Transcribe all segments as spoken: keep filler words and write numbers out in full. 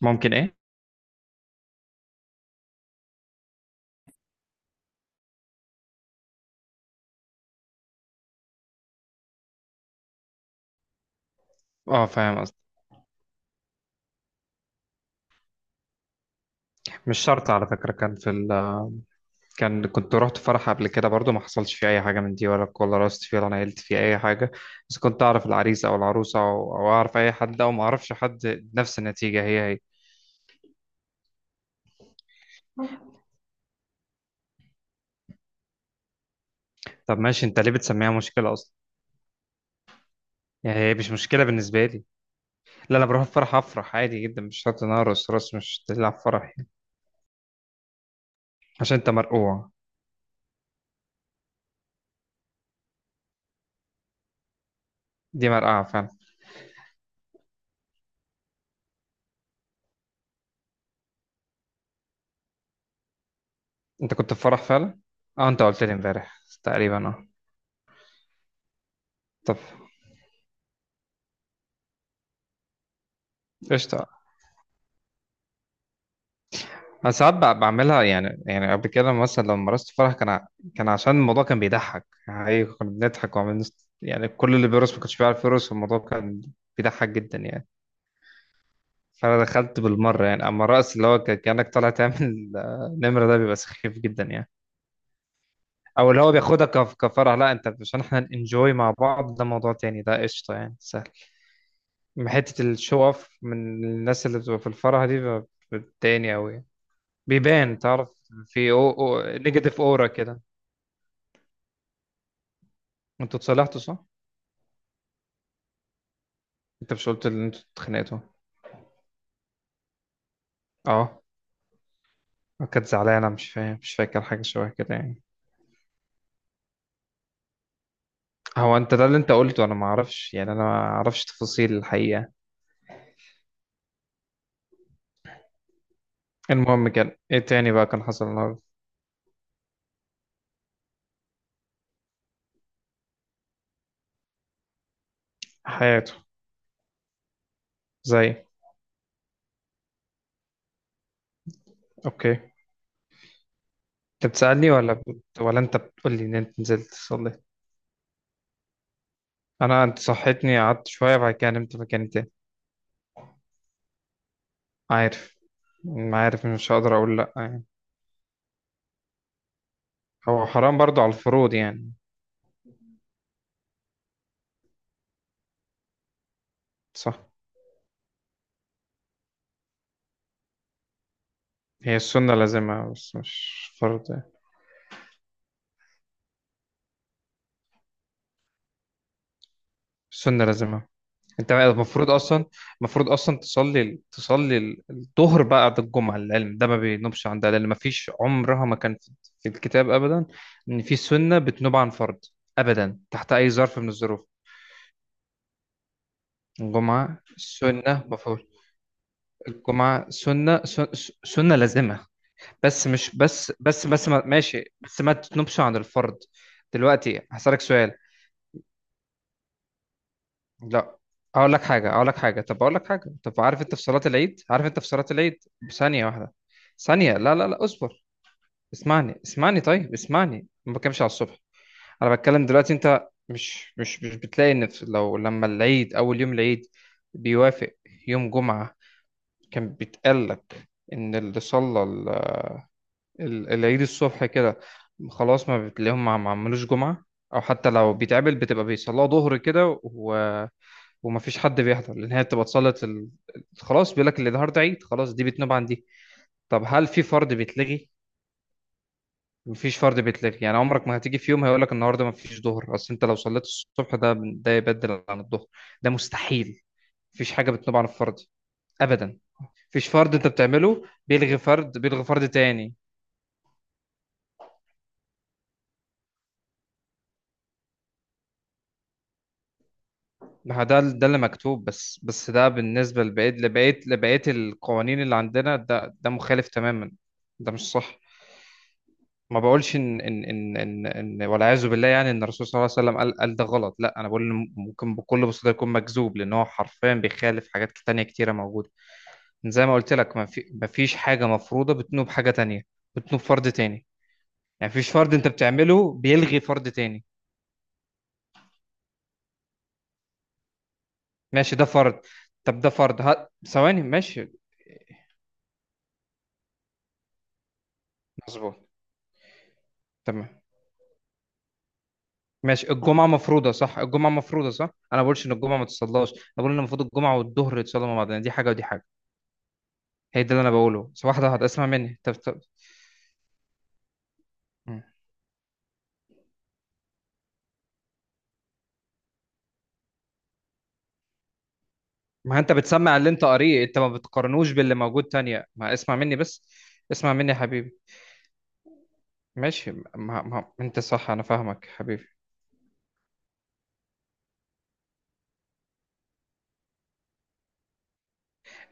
ممكن، ايه. اه، فاهم قصدي. مش شرط على فكرة. كان في ال كان كنت رحت فرح قبل كده برضو، ما حصلش فيه اي حاجة من دي، ولا ولا رقصت فيه ولا نيلت فيه اي حاجة. بس كنت اعرف العريس او العروسة او, أو اعرف اي حد او ما اعرفش حد، نفس النتيجة، هي هي. طب ماشي، انت ليه بتسميها مشكلة اصلا؟ يعني هي مش مشكلة بالنسبة لي. لا، انا بروح الفرح افرح عادي جدا، مش شرط ان أنا ارقص. رقص مش تلعب فرح يعني. عشان انت مرقوع. دي مرقعة فعلا. انت كنت في فرح فعلا؟ اه، انت قلت لي امبارح تقريبا، اه. طب. قشطة. انا ساعات بع- بعملها يعني يعني قبل كده مثلا، لما مارست فرح، كان ع- كان عشان الموضوع كان بيضحك يعني، كنا بنضحك، وعملنا ست- يعني كل اللي بيرقص ما كانش بيعرف يرقص، والموضوع كان بيضحك جدا يعني. فانا دخلت بالمره يعني. اما الرقص اللي هو ك- كانك طالع تعمل آه، نمره، ده بيبقى سخيف جدا يعني. او اللي هو بياخدها كف- كفرح. لا انت، عشان احنا انجوي مع بعض، ده موضوع تاني، ده قشطه يعني، سهل. أما حته الشو اوف من الناس اللي بتبقى في الفرح دي، بتبقى بتضايقني قوي. بيبان، تعرف؟ في او او نيجاتيف اورا كده. انتوا اتصالحتوا، صح؟ انت مش قلت ان انتوا اتخانقتوا؟ اه. كانت زعلانة، مش فاهم، مش فاكر، حاجة شبه كده يعني. هو انت ده اللي انت قلته، انا ما اعرفش يعني. انا ما اعرفش تفاصيل الحقيقة. المهم، كان ايه تاني بقى كان حصل النهارده؟ حياته. زي. اوكي. انت بتسألني ولا بت... ولا انت بتقول لي ان انت نزلت صليت؟ انا انت صحيتني، قعدت شوية، بعد كده نمت مكاني تاني. عارف. ما عارف، مش هقدر اقول لا يعني. هو حرام برضو على الفروض يعني. صح. هي السنة لازمها بس مش فرض يعني. السنة لازمها. انت المفروض اصلا. المفروض اصلا تصلي تصلي الظهر بعد الجمعه. العلم ده ما بينوبش عن ده، لان ما فيش، عمرها ما كان في في الكتاب ابدا ان في سنه بتنوب عن فرض. ابدا، تحت اي ظرف من الظروف. الجمعه سنه مفروض. الجمعه سنه سن- سنه لازمه. بس مش، بس بس بس، ما ماشي، بس ما تنوبش عن الفرض. دلوقتي هسألك سؤال. لا، اقول لك حاجه اقول لك حاجه طب اقول لك حاجه. طب عارف انت في صلاه العيد؟ عارف انت في صلاه العيد ثانيه واحده. ثانيه، لا لا لا، اصبر. اسمعني اسمعني طيب اسمعني، ما بتكلمش على الصبح. انا بتكلم دلوقتي. انت مش مش مش بتلاقي ان في- لو لما العيد، اول يوم العيد بيوافق يوم جمعه، كان بيتقال لك ان اللي صلى ال- ال- العيد الصبح كده، خلاص ما بتلاقيهم، ما ما عملوش جمعه. او حتى لو بيتقابل، بتبقى بيصلوا ظهر كده، ومفيش حد بيحضر، لان هي بتبقى اتصلت ال... خلاص. بيقول لك اللي النهارده عيد، خلاص، دي بتنوب عن دي. طب هل في فرض بيتلغي؟ مفيش فرض بيتلغي يعني. عمرك ما هتيجي في يوم هيقول لك النهارده مفيش ظهر، اصل انت لو صليت الصبح ده ده يبدل عن الظهر. ده مستحيل. مفيش حاجه بتنوب عن الفرض ابدا. مفيش فرض انت بتعمله بيلغي فرض. بيلغي فرض تاني. ما هو ده ده اللي مكتوب. بس بس ده بالنسبه لبقيه لبقيه لبقيه القوانين اللي عندنا، ده ده مخالف تماما. ده مش صح. ما بقولش ان ان ان ان, إن، والعياذ بالله يعني، ان الرسول صلى الله عليه وسلم قال قال ده غلط. لا، انا بقول إن ممكن بكل بساطه يكون مكذوب، لان هو حرفيا بيخالف حاجات تانية كتيره موجوده. زي ما قلت لك، ما في ما فيش حاجه مفروضه بتنوب حاجه تانية. بتنوب فرض تاني يعني. فيش فرض انت بتعمله بيلغي فرض تاني. ماشي، ده فرض. طب ده فرض، ها، ثواني، ماشي. مظبوط. تمام. ماشي، الجمعة مفروضة صح. الجمعة مفروضة صح أنا ما بقولش إن الجمعة ما تصلاش. أنا بقول إن المفروض الجمعة والظهر يتصلوا مع بعض يعني، دي حاجة ودي حاجة. هي ده اللي انا بقوله، بس واحده هتسمع مني. طب، طب. مم. ما انت بتسمع اللي انت قاريه، انت ما بتقارنوش باللي موجود تانية. ما اسمع مني بس. اسمع مني يا حبيبي. ماشي. ما ما انت صح، انا فاهمك يا حبيبي.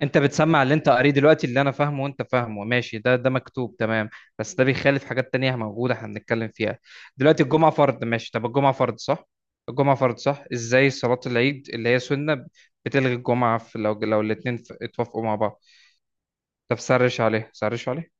انت بتسمع اللي انت قاريه دلوقتي، اللي انا فاهمه وانت فاهمه، ماشي، ده ده مكتوب، تمام. بس ده بيخالف حاجات تانية موجودة احنا بنتكلم فيها. دلوقتي الجمعة فرض، ماشي. طب الجمعة فرض صح؟ الجمعة فرض صح ازاي صلاة العيد اللي هي سنة بتلغي الجمعة في، لو لو الاتنين اتوافقوا مع بعض؟ طب سرش عليه، سرش عليه.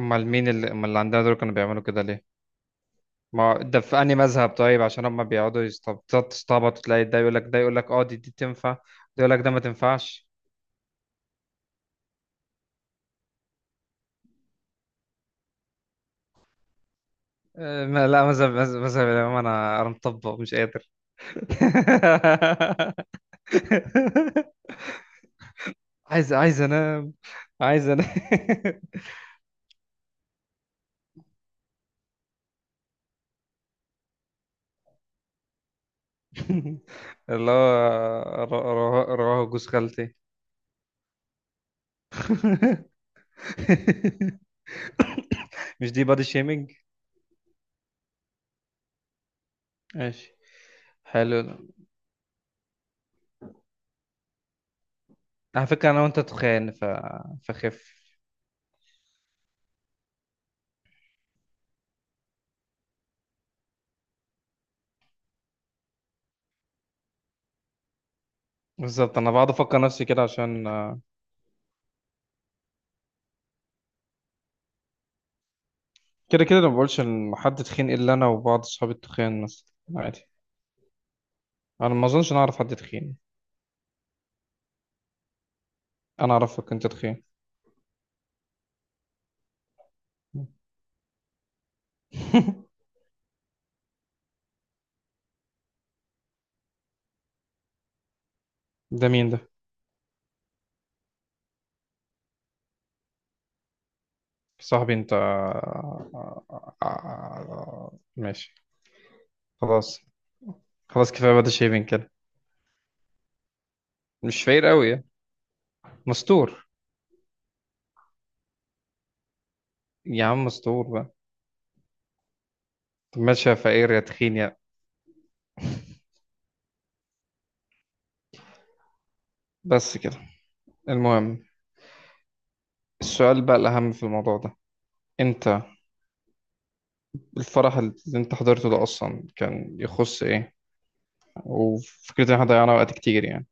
امال مين اللي، امال اللي عندنا دول كانوا بيعملوا كده ليه؟ ما ده في انهي مذهب؟ طيب عشان هم بيقعدوا يستبط- يستعبطوا، تلاقي ده يقول لك، ده يقول لك اه، دي دي تنفع، ده يقول لك ده ما تنفعش. آه، ما- لا، مذهب مذهب مذهب الامام، انا انا مطبق، مش قادر. عايز عايز انام. عايز انام. اللي هو ر- رواه رواه جوز خالتي. مش دي بادي شيمينج؟ ماشي. حلو. على فكرة أنا وأنت تخان ف... فخف. بالظبط، أنا بقعد أفكر نفسي كده عشان، آه، كده كده أنا ما بقولش إن حد تخين إلا أنا وبعض أصحابي التخان مثلا. عادي. أنا ما أظنش إن انا أعرف حد تخين. أنا أعرفك أنت تخين. ده مين ده؟ صاحبي أنت. ماشي. خلاص. خلاص كفاية بدا، شايفين كده. مش فقير قوي يعني، مستور. يا عم مستور بقى. طب ماشي، يا فقير يا تخين، يا، بس كده. المهم، السؤال بقى الأهم في الموضوع ده. أنت الفرح اللي انت حضرته ده اصلا كان يخص ايه؟ وفكرة ان احنا ضيعنا وقت كتير يعني.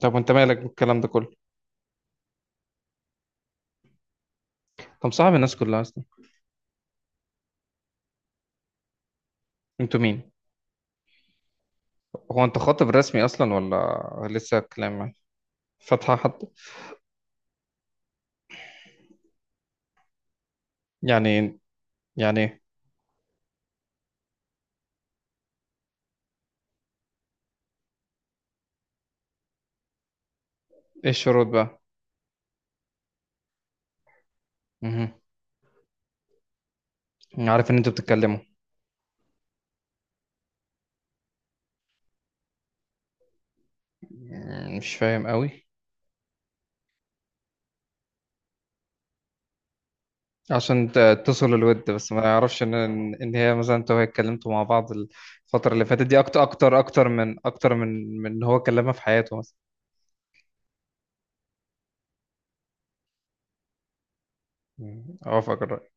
طب وانت مالك بالكلام ده كله؟ طب صاحب الناس كلها اصلا. انتوا مين؟ هو انت خاطب رسمي اصلا ولا لسه كلام يعني؟ فاتحة حد؟ يعني. يعني. ايه الشروط بقى؟ مهم. انا عارف ان انتوا بتتكلموا. مم، مش فاهم قوي. عشان ت- تصل الود، بس ما يعرفش ان ان هي مثلا، انتوا وهي اتكلمتوا مع بعض الفترة اللي فاتت دي اكتر اكتر اكتر من اكتر من من إن هو كلمها في حياته مثلا. مم. اوافقك الرأي.